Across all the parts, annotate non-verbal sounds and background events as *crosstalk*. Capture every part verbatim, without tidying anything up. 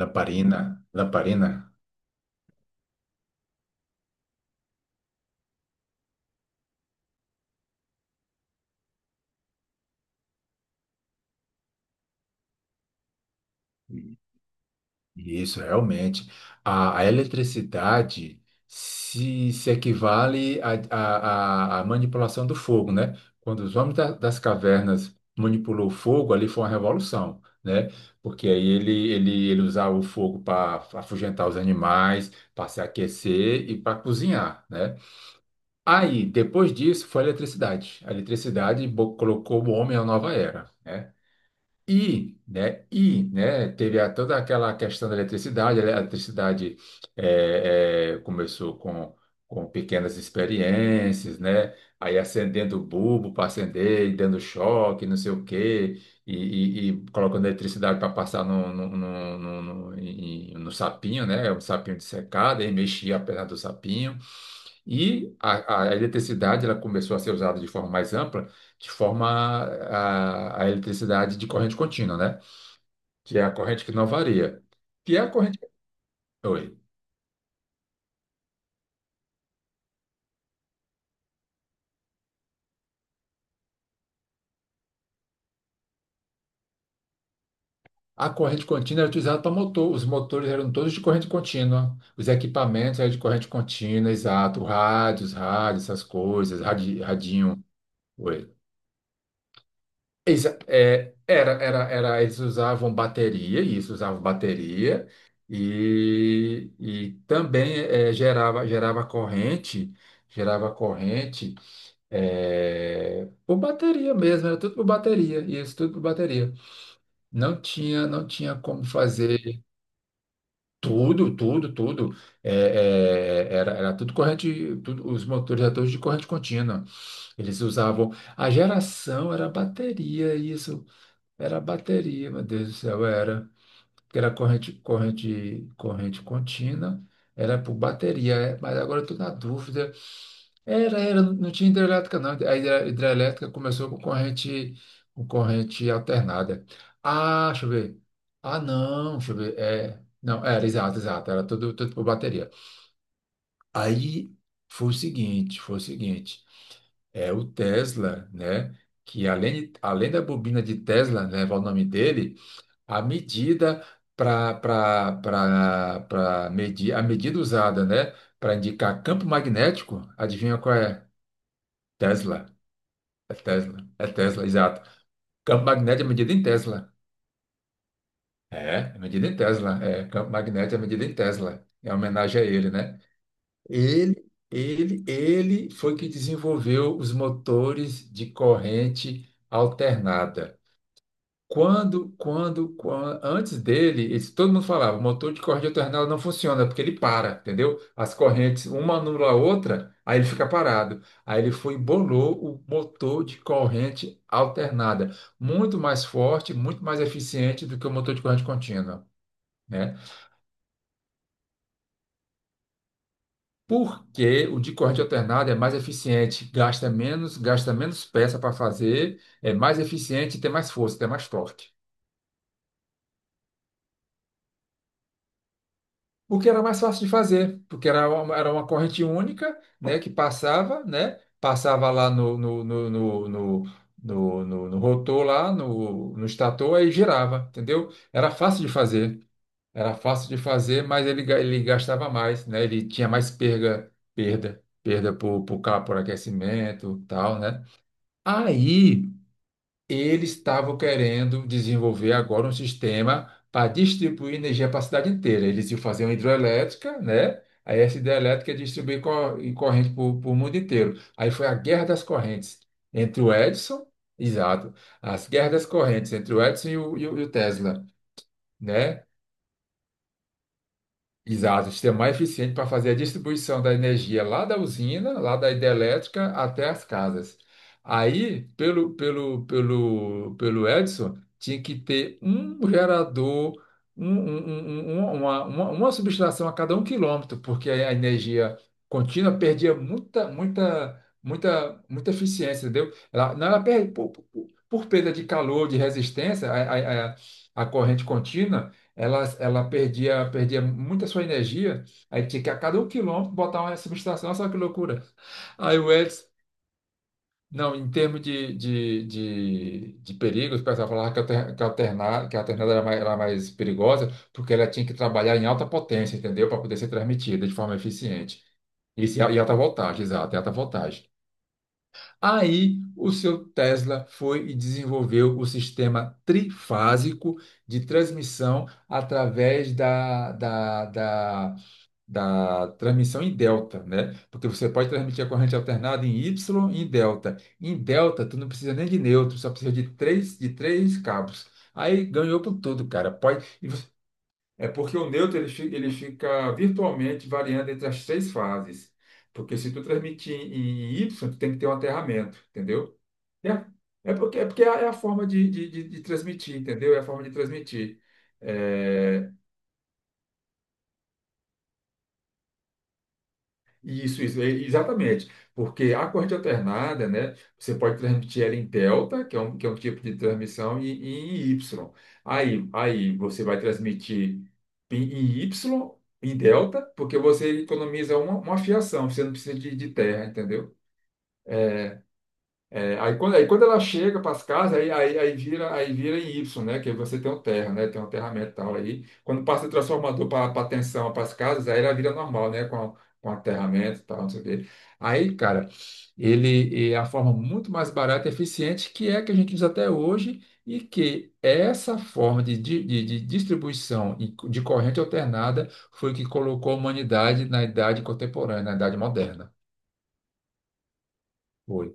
Lamparina, lamparina. E- e Isso, realmente. A, a eletricidade se, se equivale à à- à- à manipulação do fogo, né? Quando os homens da- das cavernas manipulou o fogo, ali foi uma revolução, né? Porque aí ele, ele, ele usava o fogo para afugentar os animais, para se aquecer e para cozinhar, né? Aí, depois disso, foi a eletricidade. A eletricidade bo- colocou o homem à nova era, né? E, né, e, né, teve a- toda aquela questão da eletricidade, a eletricidade eh, eh, começou com, com pequenas experiências, né, aí acendendo o bulbo para acender e dando choque, não sei o quê, e, e- e colocando eletricidade para passar no, no, no, no, no- em- no sapinho, né, um sapinho de secada, e mexia a perna do sapinho. E a, a eletricidade ela começou a ser usada de forma mais ampla, de forma a, a eletricidade de corrente contínua, né? Que é a corrente que não varia. Que é a corrente. Oi. A corrente contínua era utilizada para motor. Os motores eram todos de corrente contínua. Os equipamentos eram de corrente contínua, exato. Rádios, rádios, essas coisas, radi, radinho. Oi. Exa- é, era, era, era, eles usavam bateria, isso usavam bateria, e, e também é, gerava, gerava corrente, gerava corrente é, por bateria mesmo, era tudo por bateria, isso tudo por bateria. Não tinha, não tinha como fazer tudo, tudo, tudo. é, é, era, era tudo corrente, tudo, os motores eram todos de corrente contínua. Eles usavam, a geração era bateria, isso. Era bateria, meu Deus do céu, era. Porque era corrente, corrente, corrente contínua, era por bateria, é, mas agora eu tô na dúvida. Era, era, não tinha hidrelétrica, não. A hidre- hidrelétrica começou com corrente, com corrente alternada. Ah, deixa eu ver. Ah, não, deixa eu ver. É, não, era, exato, exato, era tudo, tudo por bateria. Aí foi o seguinte, foi o seguinte, é o Tesla, né? Que além, além da bobina de Tesla, né, levar o nome dele, a medida para medir, a medida usada, né, para indicar campo magnético, adivinha qual é? Tesla. É Tesla. É Tesla, exato. Campo magnético é medida em Tesla. É, é medida em Tesla. É, campo magnético é medida em Tesla. É homenagem a ele, né? Ele, ele, ele foi que desenvolveu os motores de corrente alternada. Quando, quando, quan- antes dele, eles- todo mundo falava, o motor de corrente alternada não funciona, porque ele para, entendeu? As correntes, uma anula a outra, aí ele fica parado. Aí ele foi e bolou o motor de corrente alternada, muito mais forte, muito mais eficiente do que o motor de corrente contínua, né? Porque o de corrente alternada é mais eficiente, gasta menos, gasta menos peça para fazer, é mais eficiente e tem mais força, tem mais torque. O que era mais fácil de fazer, porque era uma, era uma corrente única, né, que passava, né, passava lá no, no, no, no, no, no, no- no rotor lá, no, no estator, e girava, entendeu? Era fácil de fazer, era fácil de fazer, mas ele, ga- ele gastava mais, né, ele tinha mais perga, perda, perda por, por, ca- por aquecimento, tal, né? Aí eles estavam querendo desenvolver agora um sistema para distribuir energia para a cidade inteira. Eles iam fazer uma hidroelétrica, né? Aí essa hidrelétrica ia distribuir co- e corrente para o mundo inteiro. Aí foi a guerra das correntes entre o Edison, exato, as guerras das correntes entre o Edison e o, e o- e o Tesla, né? Exato, o sistema mais eficiente para fazer a distribuição da energia lá da usina, lá da hidrelétrica até as casas. Aí, pelo, pelo, pelo, pelo Edison tinha que ter um gerador, um- um- um- um- uma, uma, uma subestação a cada um quilômetro, porque a energia contínua perdia muita, muita, muita, muita eficiência, entendeu? Ela, não, ela perde por, por, por perda de calor, de resistência, a, a, a a corrente contínua. Ela, ela perdia, perdia muita sua energia, aí tinha que a cada um quilômetro botar uma subestação, olha só que loucura. Aí o Edson, não, em termos de, de, de, de perigos, o pessoal falava que a alter- que a alternada, que a alternada era mais, era mais perigosa, porque ela tinha que trabalhar em alta potência, entendeu? Para poder ser transmitida de forma eficiente. Isso, e a- e alta voltagem, exato, e alta voltagem. Aí o seu Tesla foi e desenvolveu o sistema trifásico de transmissão através da, da, da, da transmissão em delta, né? Porque você pode transmitir a corrente alternada em Y e em delta. Em delta, tu não precisa nem de neutro, só precisa de três, de três cabos. Aí ganhou por tudo, cara. Pode, e você é porque o neutro ele, fi- ele fica virtualmente variando entre as três fases. Porque se tu transmitir em Y, tu tem que ter um aterramento, entendeu? É, é porque, é porque é a é a forma de, de, de- de transmitir, entendeu? É a forma de transmitir. É, isso, isso, e- exatamente. Porque a corrente alternada, né, você pode transmitir ela em delta, que é um, que é um tipo de transmissão, e, e em Y. Aí, aí você vai transmitir em, em Y, em delta, porque você economiza uma, uma fiação, você não precisa de, de terra, entendeu? É, aí, quando, aí quando ela chega para as casas, aí, aí, aí vira, aí vira em Y, né? Que aí você tem o terra, né? Tem um terra metal aí. Quando passa o transformador para a tensão, para as casas, aí ela vira normal, né? Com, a- com aterramento e tal, não sei o quê. Aí, cara, ele é a forma muito mais barata e eficiente que é a que a gente usa até hoje e que essa forma de, de, de de distribuição e de corrente alternada foi o que colocou a humanidade na idade contemporânea, na idade moderna. Foi.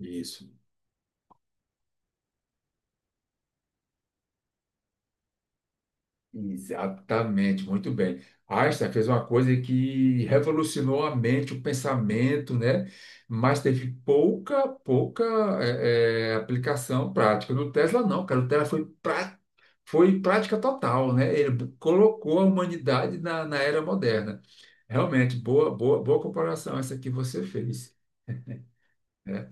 Isso. Exatamente, muito bem. Einstein fez uma coisa que revolucionou a mente, o pensamento, né? Mas teve pouca, pouca eh, eh, aplicação prática. No Tesla, não, cara. O Tesla foi, pra, foi prática total, né? Ele colocou a humanidade na, na era moderna. Realmente, boa, boa, boa comparação essa que você fez, né?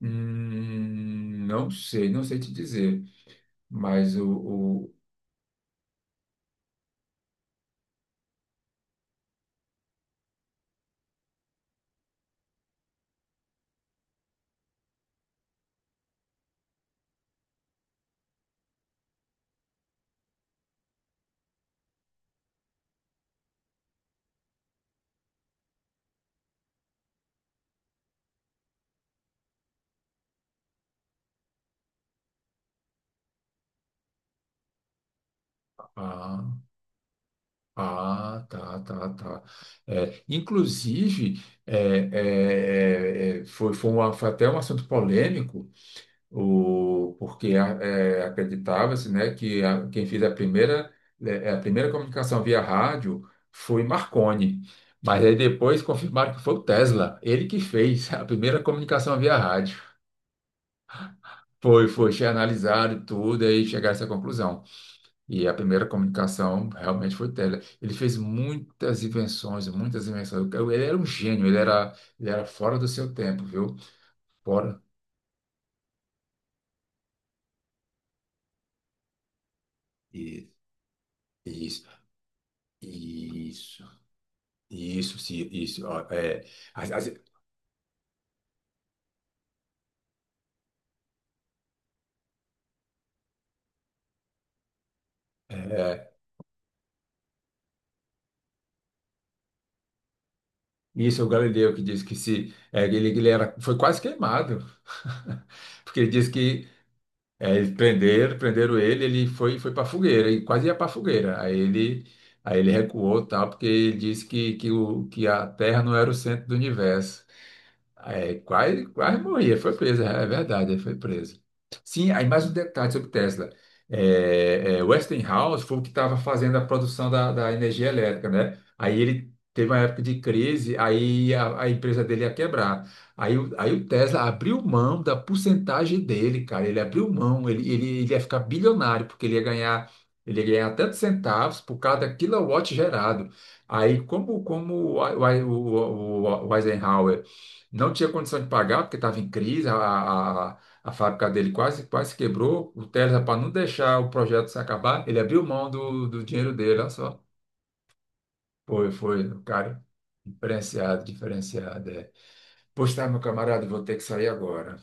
Hum, não sei, não sei te dizer, mas o, o, a- ah, tá, tá, tá. É, inclusive, é, é, é, foi, foi, uma- foi até um assunto polêmico, o, porque a- é, acreditava-se, né, que a- quem fez a primeira, é, a primeira comunicação via rádio foi Marconi. Mas aí depois confirmaram que foi o Tesla, ele que fez a primeira comunicação via rádio. Foi, foi, analisado e tudo, aí chegaram a essa conclusão. E a primeira comunicação realmente foi tele. Ele fez muitas invenções, muitas invenções. Ele era um gênio, ele era, ele era fora do seu tempo, viu? Fora. E, isso, isso, isso, se- isso. Ó, é, as- as- é, isso é o Galileu que disse que se, é, ele, ele era, foi quase queimado. *laughs* Porque ele disse que, é, eles prenderam, prenderam ele, ele foi, foi para fogueira, e quase ia para fogueira. Aí ele, aí ele recuou, tal, porque ele disse que, que, o, que a Terra não era o centro do universo. É, quase, quase morria, foi presa, é verdade, foi presa. Sim, aí mais um detalhe sobre Tesla. É, é, Westinghouse foi o que estava fazendo a produção da, da energia elétrica, né? Aí ele teve uma época de crise, aí a, a empresa dele ia quebrar. Aí, o- aí o Tesla abriu mão da porcentagem dele, cara. Ele abriu mão, ele, ele, ele ia ficar bilionário, porque ele ia ganhar, ele ia ganhar tantos centavos por cada quilowatt gerado. Aí, como, como o, o, o o- o Eisenhower. Não tinha condição de pagar, porque estava em crise, a, a, a a fábrica dele quase, quase quebrou. O Tesla, para não deixar o projeto se acabar, ele abriu mão do, do dinheiro dele, olha só. Foi, foi, o cara. Diferenciado, diferenciado. É. Pois tá, meu camarada, vou ter que sair agora.